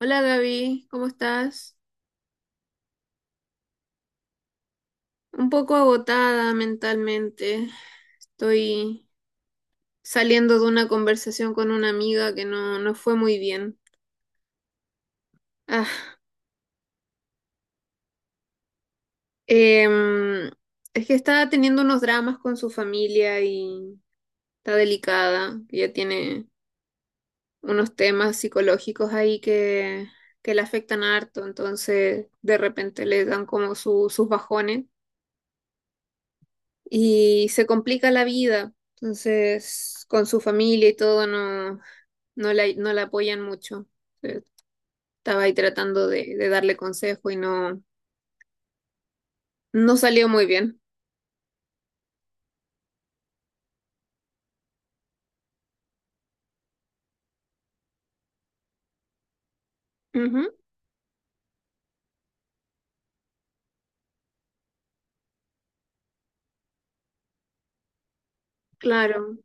Hola, Gaby, ¿cómo estás? Un poco agotada mentalmente. Estoy saliendo de una conversación con una amiga que no fue muy bien. Ah, em, es que está teniendo unos dramas con su familia y está delicada. Ya tiene unos temas psicológicos ahí que le afectan harto, entonces de repente le dan como sus bajones. Y se complica la vida. Entonces, con su familia y todo, no la apoyan mucho. Eh, Estaba ahí tratando de darle consejo y no salió muy bien. Ujú, claro.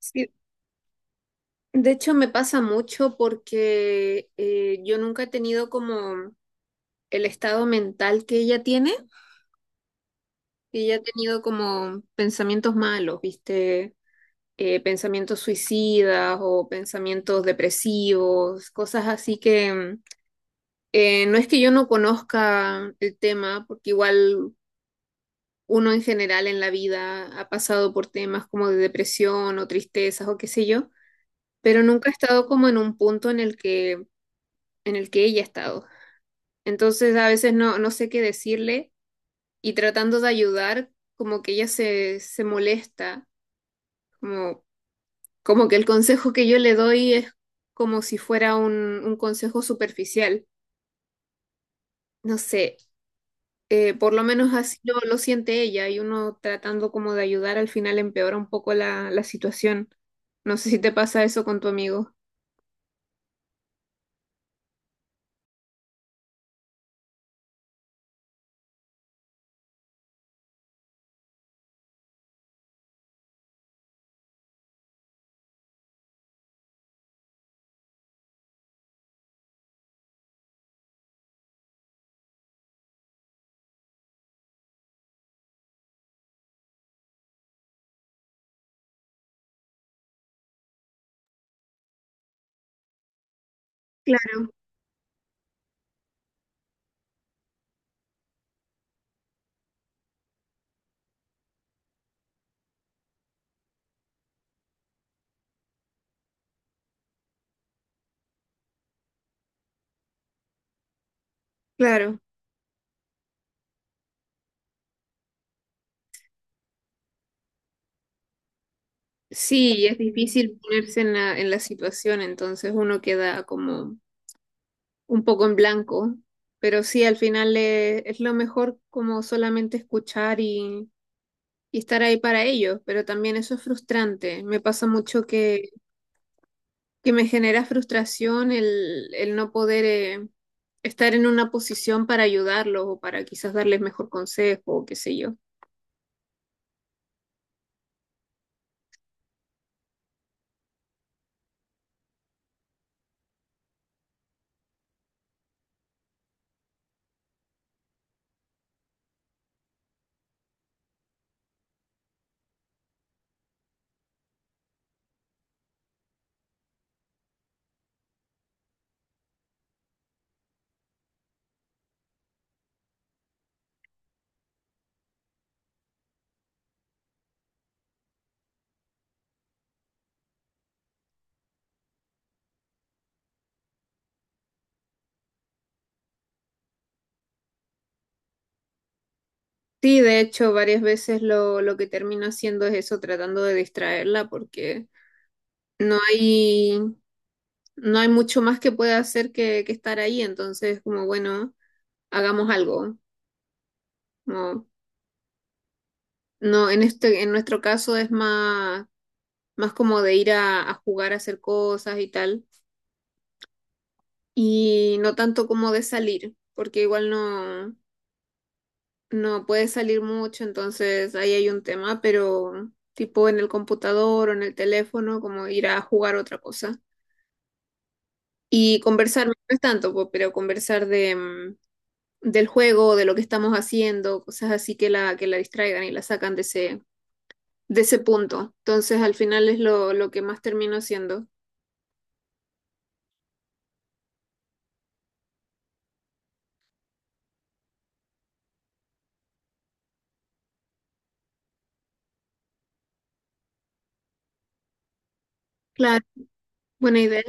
Sí. De hecho, me pasa mucho porque yo nunca he tenido como el estado mental que ella tiene. Ella ha tenido como pensamientos malos, ¿viste? Pensamientos suicidas o pensamientos depresivos, cosas así que no es que yo no conozca el tema, porque igual uno en general en la vida ha pasado por temas como de depresión o tristezas o qué sé yo, pero nunca he estado como en un punto en en el que ella ha estado. Entonces a veces no sé qué decirle y tratando de ayudar, como que ella se molesta, como. Como que el consejo que yo le doy es como si fuera un consejo superficial. No sé, por lo menos así lo siente ella y uno tratando como de ayudar al final empeora un poco la situación. No sé si te pasa eso con tu amigo. Claro. Claro. Sí, es difícil ponerse en en la situación, entonces uno queda como un poco en blanco, pero sí, al final es lo mejor como solamente escuchar y estar ahí para ellos, pero también eso es frustrante. Me pasa mucho que me genera frustración el no poder estar en una posición para ayudarlos o para quizás darles mejor consejo o qué sé yo. Sí, de hecho, varias veces lo que termino haciendo es eso, tratando de distraerla porque no hay, no hay mucho más que pueda hacer que estar ahí, entonces como bueno, hagamos algo. Como, no, en este, en nuestro caso es más como de ir a jugar, a hacer cosas y tal, y no tanto como de salir, porque igual no puedes salir mucho, entonces ahí hay un tema, pero tipo en el computador o en el teléfono, como ir a jugar otra cosa. Y conversar, no es tanto, po, pero conversar del juego, de lo que estamos haciendo, cosas así que la distraigan y la sacan de de ese punto. Entonces al final es lo que más termino haciendo. Claro, buena idea.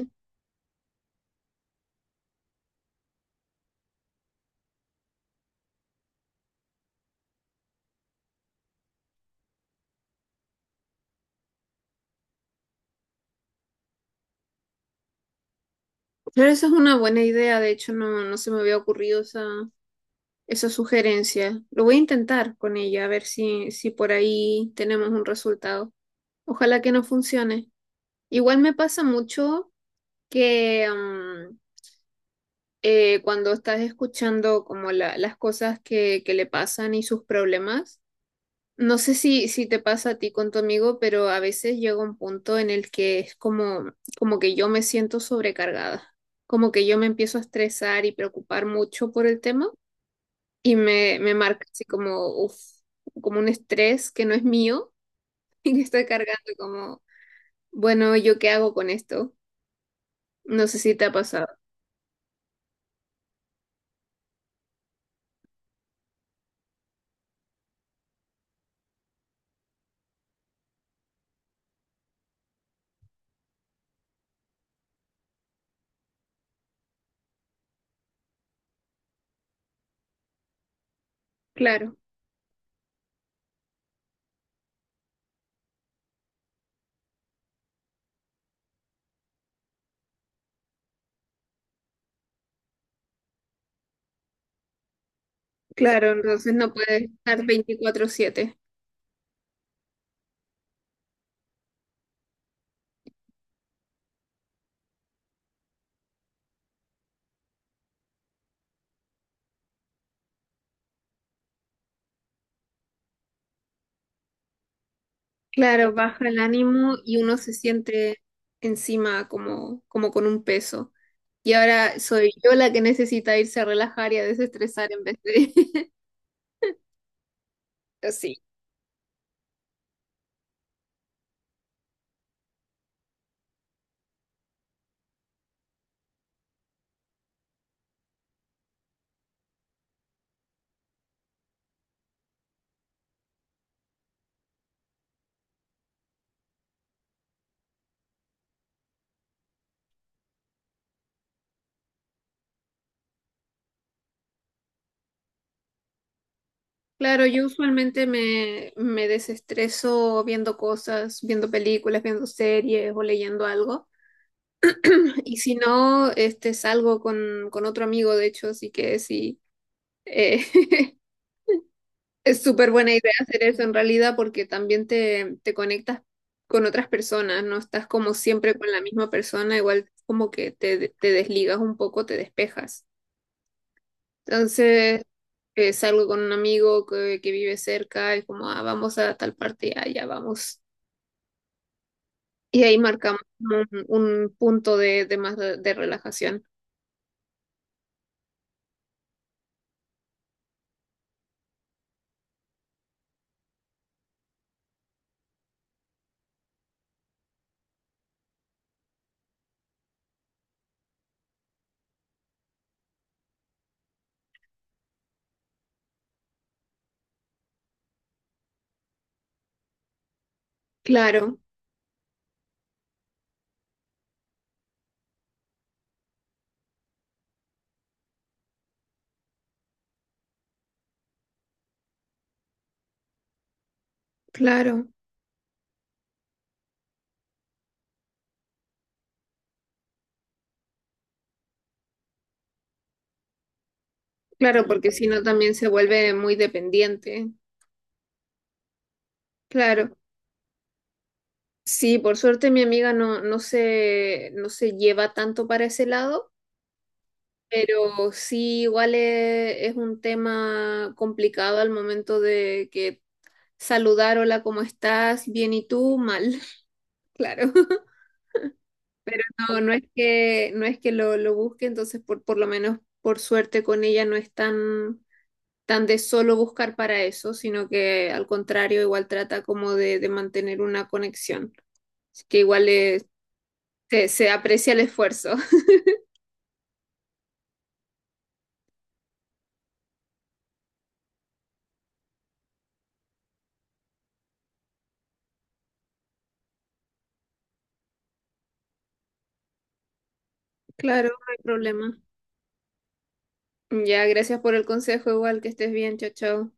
Pero esa es una buena idea, de hecho no se me había ocurrido esa sugerencia. Lo voy a intentar con ella, a ver si por ahí tenemos un resultado. Ojalá que no funcione. Igual me pasa mucho que cuando estás escuchando como las cosas que le pasan y sus problemas. No sé si te pasa a ti con tu amigo, pero a veces llega un punto en el que es como, como que yo me siento sobrecargada, como que yo me empiezo a estresar y preocupar mucho por el tema y me marca así como, uf, como un estrés que no es mío y que estoy cargando como, bueno, ¿yo qué hago con esto? No sé si te ha pasado. Claro, claro, entonces no puedes estar 24/7. Claro, baja el ánimo y uno se siente encima como, como con un peso. Y ahora soy yo la que necesita irse a relajar y a desestresar en vez de... Pero sí. Claro, yo usualmente me desestreso viendo cosas, viendo películas, viendo series o leyendo algo. Y si no, este, salgo con otro amigo, de hecho, así que sí. eh, es súper buena idea hacer eso en realidad porque también te conectas con otras personas, no estás como siempre con la misma persona, igual como que te desligas un poco, te despejas. Entonces, salgo con un amigo que vive cerca y como, ah, vamos a tal parte, ah, ya vamos. Y ahí marcamos como un punto de relajación. Claro, claro, claro, porque si no también se vuelve muy dependiente. Claro. Sí, por suerte mi amiga no se lleva tanto para ese lado, pero sí igual es un tema complicado al momento de que saludar, hola, ¿cómo estás? Bien, ¿y tú? Mal, claro. No, no es que lo busque, entonces por lo menos por suerte con ella no es tan, tan de solo buscar para eso, sino que al contrario igual trata como de mantener una conexión. Así que igual se aprecia el esfuerzo. Claro, no hay problema. Ya, gracias por el consejo, igual que estés bien, chao, chao.